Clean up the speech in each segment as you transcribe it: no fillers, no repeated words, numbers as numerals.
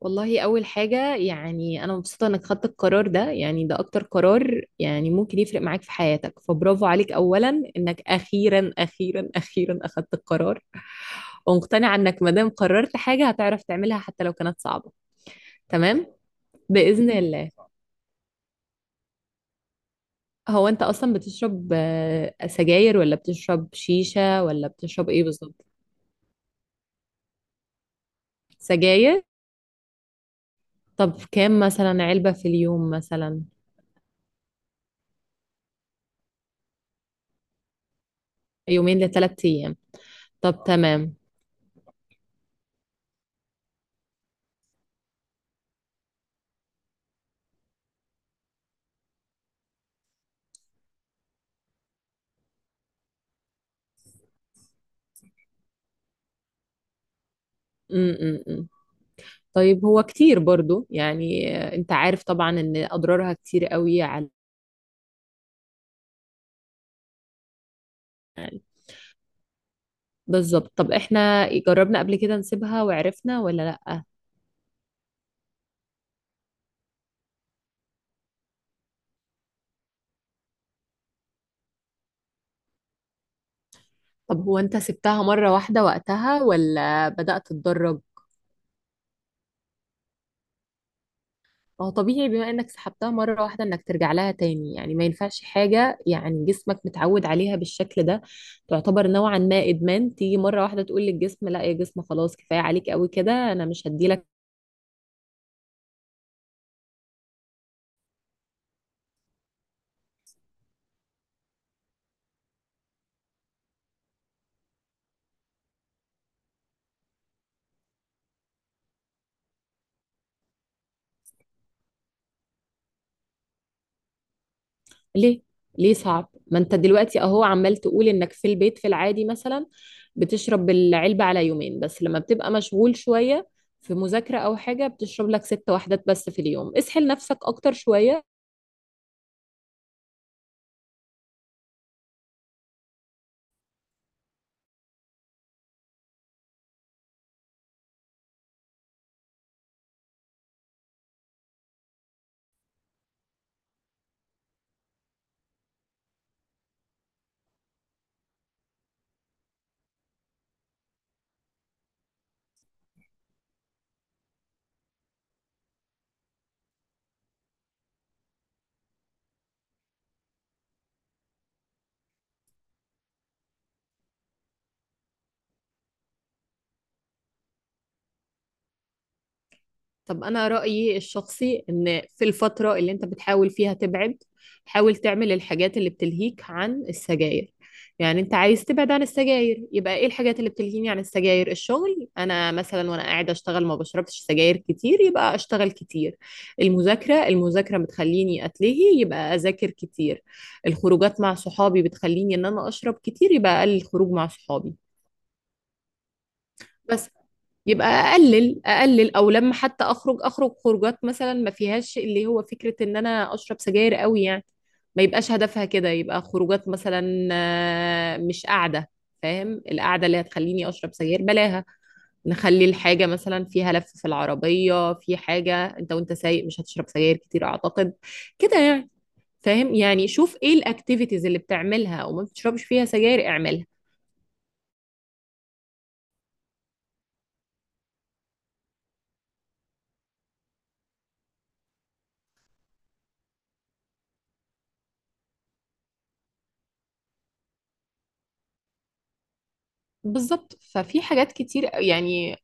والله أول حاجة يعني أنا مبسوطة إنك خدت القرار ده. يعني ده أكتر قرار يعني ممكن يفرق معاك في حياتك، فبرافو عليك أولا إنك أخيرا أخيرا أخيرا أخدت القرار. ومقتنعة إنك مادام قررت حاجة هتعرف تعملها حتى لو كانت صعبة. تمام، بإذن الله. هو أنت أصلا بتشرب سجاير، ولا بتشرب شيشة، ولا بتشرب إيه بالظبط؟ سجاير. طب كام مثلا علبة في اليوم مثلا؟ يومين لثلاث أيام؟ طب تمام. م -م -م. طيب هو كتير برضو يعني، انت عارف طبعا ان اضرارها كتير قوي على. بالظبط. طب احنا جربنا قبل كده نسيبها وعرفنا ولا لا؟ طب هو انت سبتها مرة واحدة وقتها، ولا بدأت تتدرب؟ ما هو طبيعي، بما انك سحبتها مرة واحدة، انك ترجع لها تاني. يعني ما ينفعش حاجة، يعني جسمك متعود عليها بالشكل ده. تعتبر نوعا ما ادمان، تيجي مرة واحدة تقول للجسم لا يا جسم، خلاص كفاية عليك قوي كده، انا مش هديلك. ليه؟ صعب؟ ما انت دلوقتي اهو عمال تقول انك في البيت في العادي مثلا بتشرب العلبة على يومين، بس لما بتبقى مشغول شوية في مذاكرة او حاجة بتشرب لك ست وحدات بس في اليوم. اسحل نفسك اكتر شوية. طب أنا رأيي الشخصي إن في الفترة اللي أنت بتحاول فيها تبعد، حاول تعمل الحاجات اللي بتلهيك عن السجاير. يعني أنت عايز تبعد عن السجاير، يبقى إيه الحاجات اللي بتلهيني عن السجاير؟ الشغل. أنا مثلا وأنا قاعدة أشتغل ما بشربش سجاير كتير، يبقى أشتغل كتير. المذاكرة بتخليني أتلهي، يبقى أذاكر كتير. الخروجات مع صحابي بتخليني إن أنا أشرب كتير، يبقى أقلل الخروج مع صحابي. بس. يبقى اقلل اقلل، او لما حتى اخرج اخرج خروجات مثلا ما فيهاش اللي هو فكرة ان انا اشرب سجاير قوي يعني. ما يبقاش هدفها كده. يبقى خروجات مثلا، مش قاعدة، فاهم؟ القعدة اللي هتخليني اشرب سجاير بلاها. نخلي الحاجة مثلا فيها لف في العربية، في حاجة انت وانت سايق مش هتشرب سجاير كتير اعتقد كده يعني. فاهم؟ يعني شوف ايه الاكتيفيتيز اللي بتعملها وما بتشربش فيها سجاير، اعملها. بالظبط. ففي حاجات كتير يعني.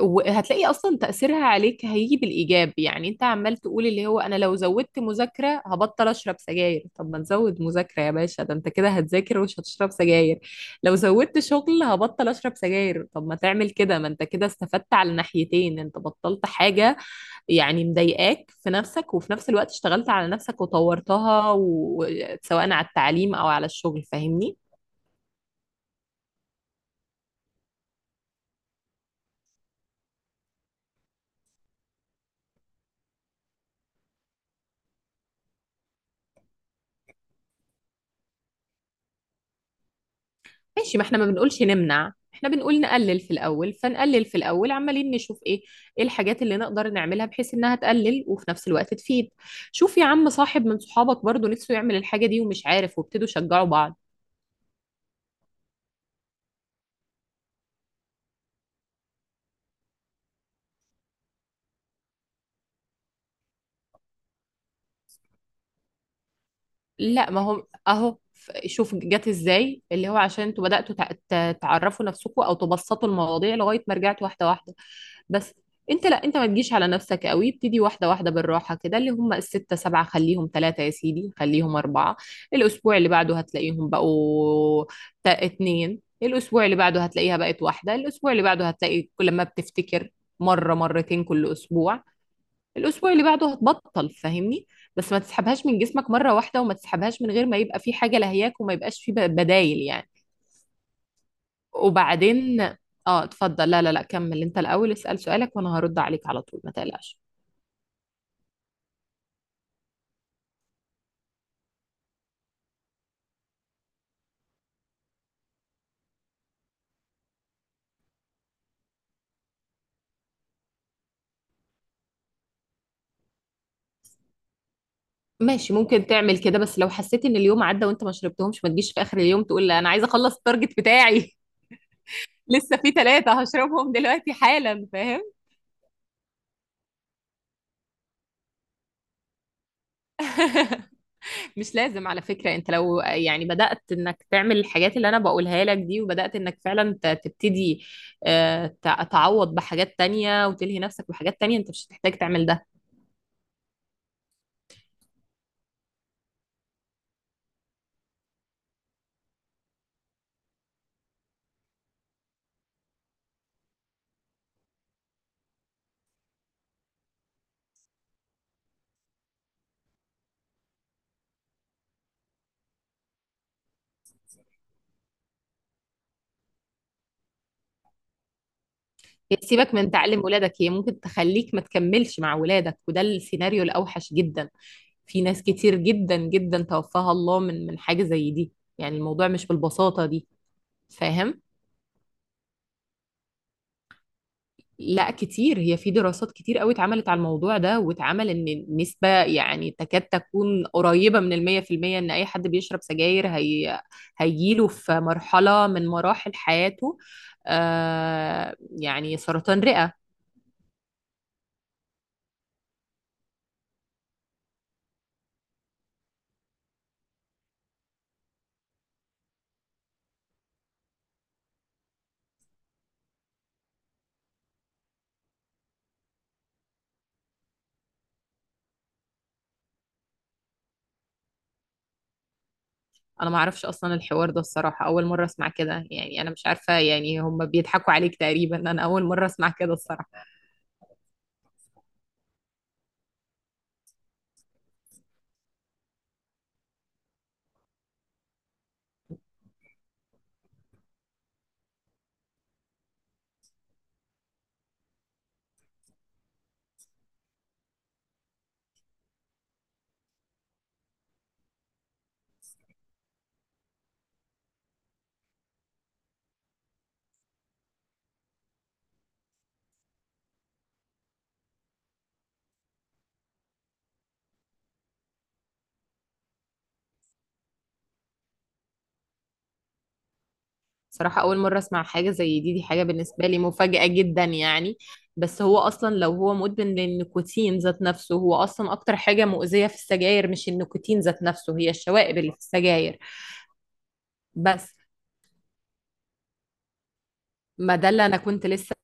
وهتلاقي اصلا تاثيرها عليك هيجي بالايجاب. يعني انت عمال تقول اللي هو انا لو زودت مذاكره هبطل اشرب سجاير، طب ما نزود مذاكره يا باشا، ده انت كده هتذاكر ومش هتشرب سجاير. لو زودت شغل هبطل اشرب سجاير، طب ما تعمل كده، ما انت كده استفدت على ناحيتين، انت بطلت حاجه يعني مضايقاك في نفسك، وفي نفس الوقت اشتغلت على نفسك وطورتها سواء على التعليم او على الشغل. فاهمني؟ ماشي، ما احنا ما بنقولش نمنع، احنا بنقول نقلل في الاول. فنقلل في الاول، عمالين نشوف ايه، ايه الحاجات اللي نقدر نعملها بحيث انها تقلل وفي نفس الوقت تفيد. شوف يا عم، صاحب من صحابك برضو نفسه يعمل الحاجة دي ومش عارف، وابتدوا شجعوا بعض. لا ما هو اهو، شوف جت ازاي، اللي هو عشان انتوا بدأتوا تعرفوا نفسكم، او تبسطوا المواضيع لغاية ما رجعتوا واحدة واحدة. بس. انت لا، انت ما تجيش على نفسك قوي، ابتدي واحدة واحدة بالراحة كده. اللي هم الستة سبعة خليهم ثلاثة يا سيدي، خليهم أربعة. الأسبوع اللي بعده هتلاقيهم بقوا اتنين، الأسبوع اللي بعده هتلاقيها بقت واحدة، الأسبوع اللي بعده هتلاقي كل ما بتفتكر مرة مرتين كل أسبوع. الاسبوع اللي بعده هتبطل. فاهمني؟ بس ما تسحبهاش من جسمك مره واحده، وما تسحبهاش من غير ما يبقى في حاجه لهياك، وما يبقاش في بدايل يعني. وبعدين. اه اتفضل. لا لا لا، كمل انت الاول، اسال سؤالك وانا هرد عليك على طول، ما تقلقش. ماشي، ممكن تعمل كده. بس لو حسيت ان اليوم عدى وانت ما شربتهمش، ما تجيش في اخر اليوم تقول لا انا عايزه اخلص التارجت بتاعي. لسه في ثلاثه هشربهم دلوقتي حالا، فاهم؟ مش لازم على فكرة. انت لو يعني بدأت انك تعمل الحاجات اللي انا بقولها لك دي، وبدأت انك فعلا تبتدي تعوض بحاجات تانية وتلهي نفسك بحاجات تانية، انت مش هتحتاج تعمل ده. هي سيبك من تعلم ولادك، هي ممكن تخليك ما تكملش مع ولادك، وده السيناريو الاوحش جدا. في ناس كتير جدا جدا توفاها الله من حاجة زي دي. يعني الموضوع مش بالبساطة دي، فاهم؟ لا كتير، هي في دراسات كتير قوي اتعملت على الموضوع ده، واتعمل ان النسبة يعني تكاد تكون قريبة من 100% ان اي حد بيشرب سجاير هي هيجيله في مرحلة من مراحل حياته. آه، يعني سرطان رئة. انا ما اعرفش اصلا الحوار ده الصراحة، اول مرة اسمع كده. يعني انا مش عارفة يعني، هم بيضحكوا عليك تقريبا، انا اول مرة اسمع كده الصراحة. صراحة أول مرة أسمع حاجة زي دي، دي حاجة بالنسبة لي مفاجأة جدا يعني. بس هو أصلا لو هو مدمن للنيكوتين ذات نفسه، هو أصلا أكتر حاجة مؤذية في السجاير مش النيكوتين ذات نفسه، هي الشوائب اللي في السجاير. بس. ما ده اللي أنا كنت لسه.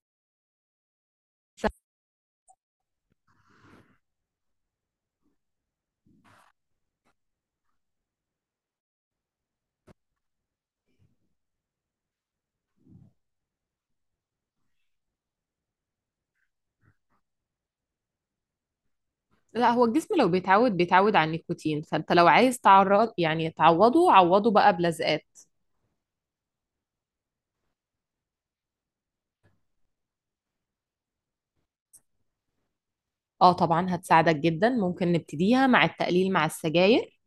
لا هو الجسم لو بيتعود بيتعود على النيكوتين، فأنت لو عايز تعرض يعني تعوضه، عوضه بقى بلزقات. اه طبعا هتساعدك جدا، ممكن نبتديها مع التقليل مع السجاير.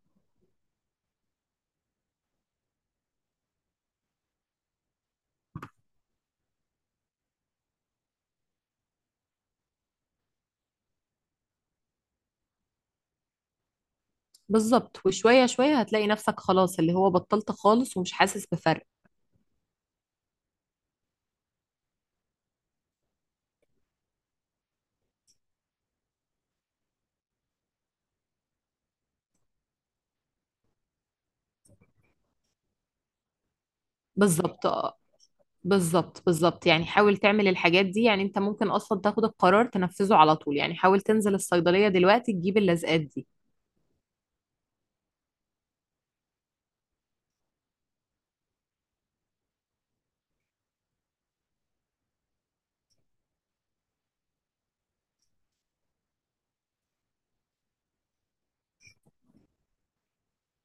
بالظبط، وشوية شوية هتلاقي نفسك خلاص اللي هو بطلت خالص ومش حاسس بفرق. بالظبط. بالظبط يعني حاول تعمل الحاجات دي. يعني انت ممكن اصلا تاخد القرار تنفذه على طول، يعني حاول تنزل الصيدلية دلوقتي تجيب اللزقات دي.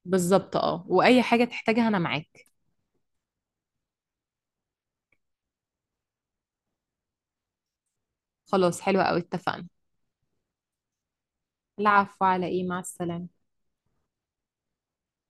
بالظبط، اه. واي حاجة تحتاجها انا معاك. خلاص حلوة قوي، اتفقنا. العفو، على ايه، مع السلامة.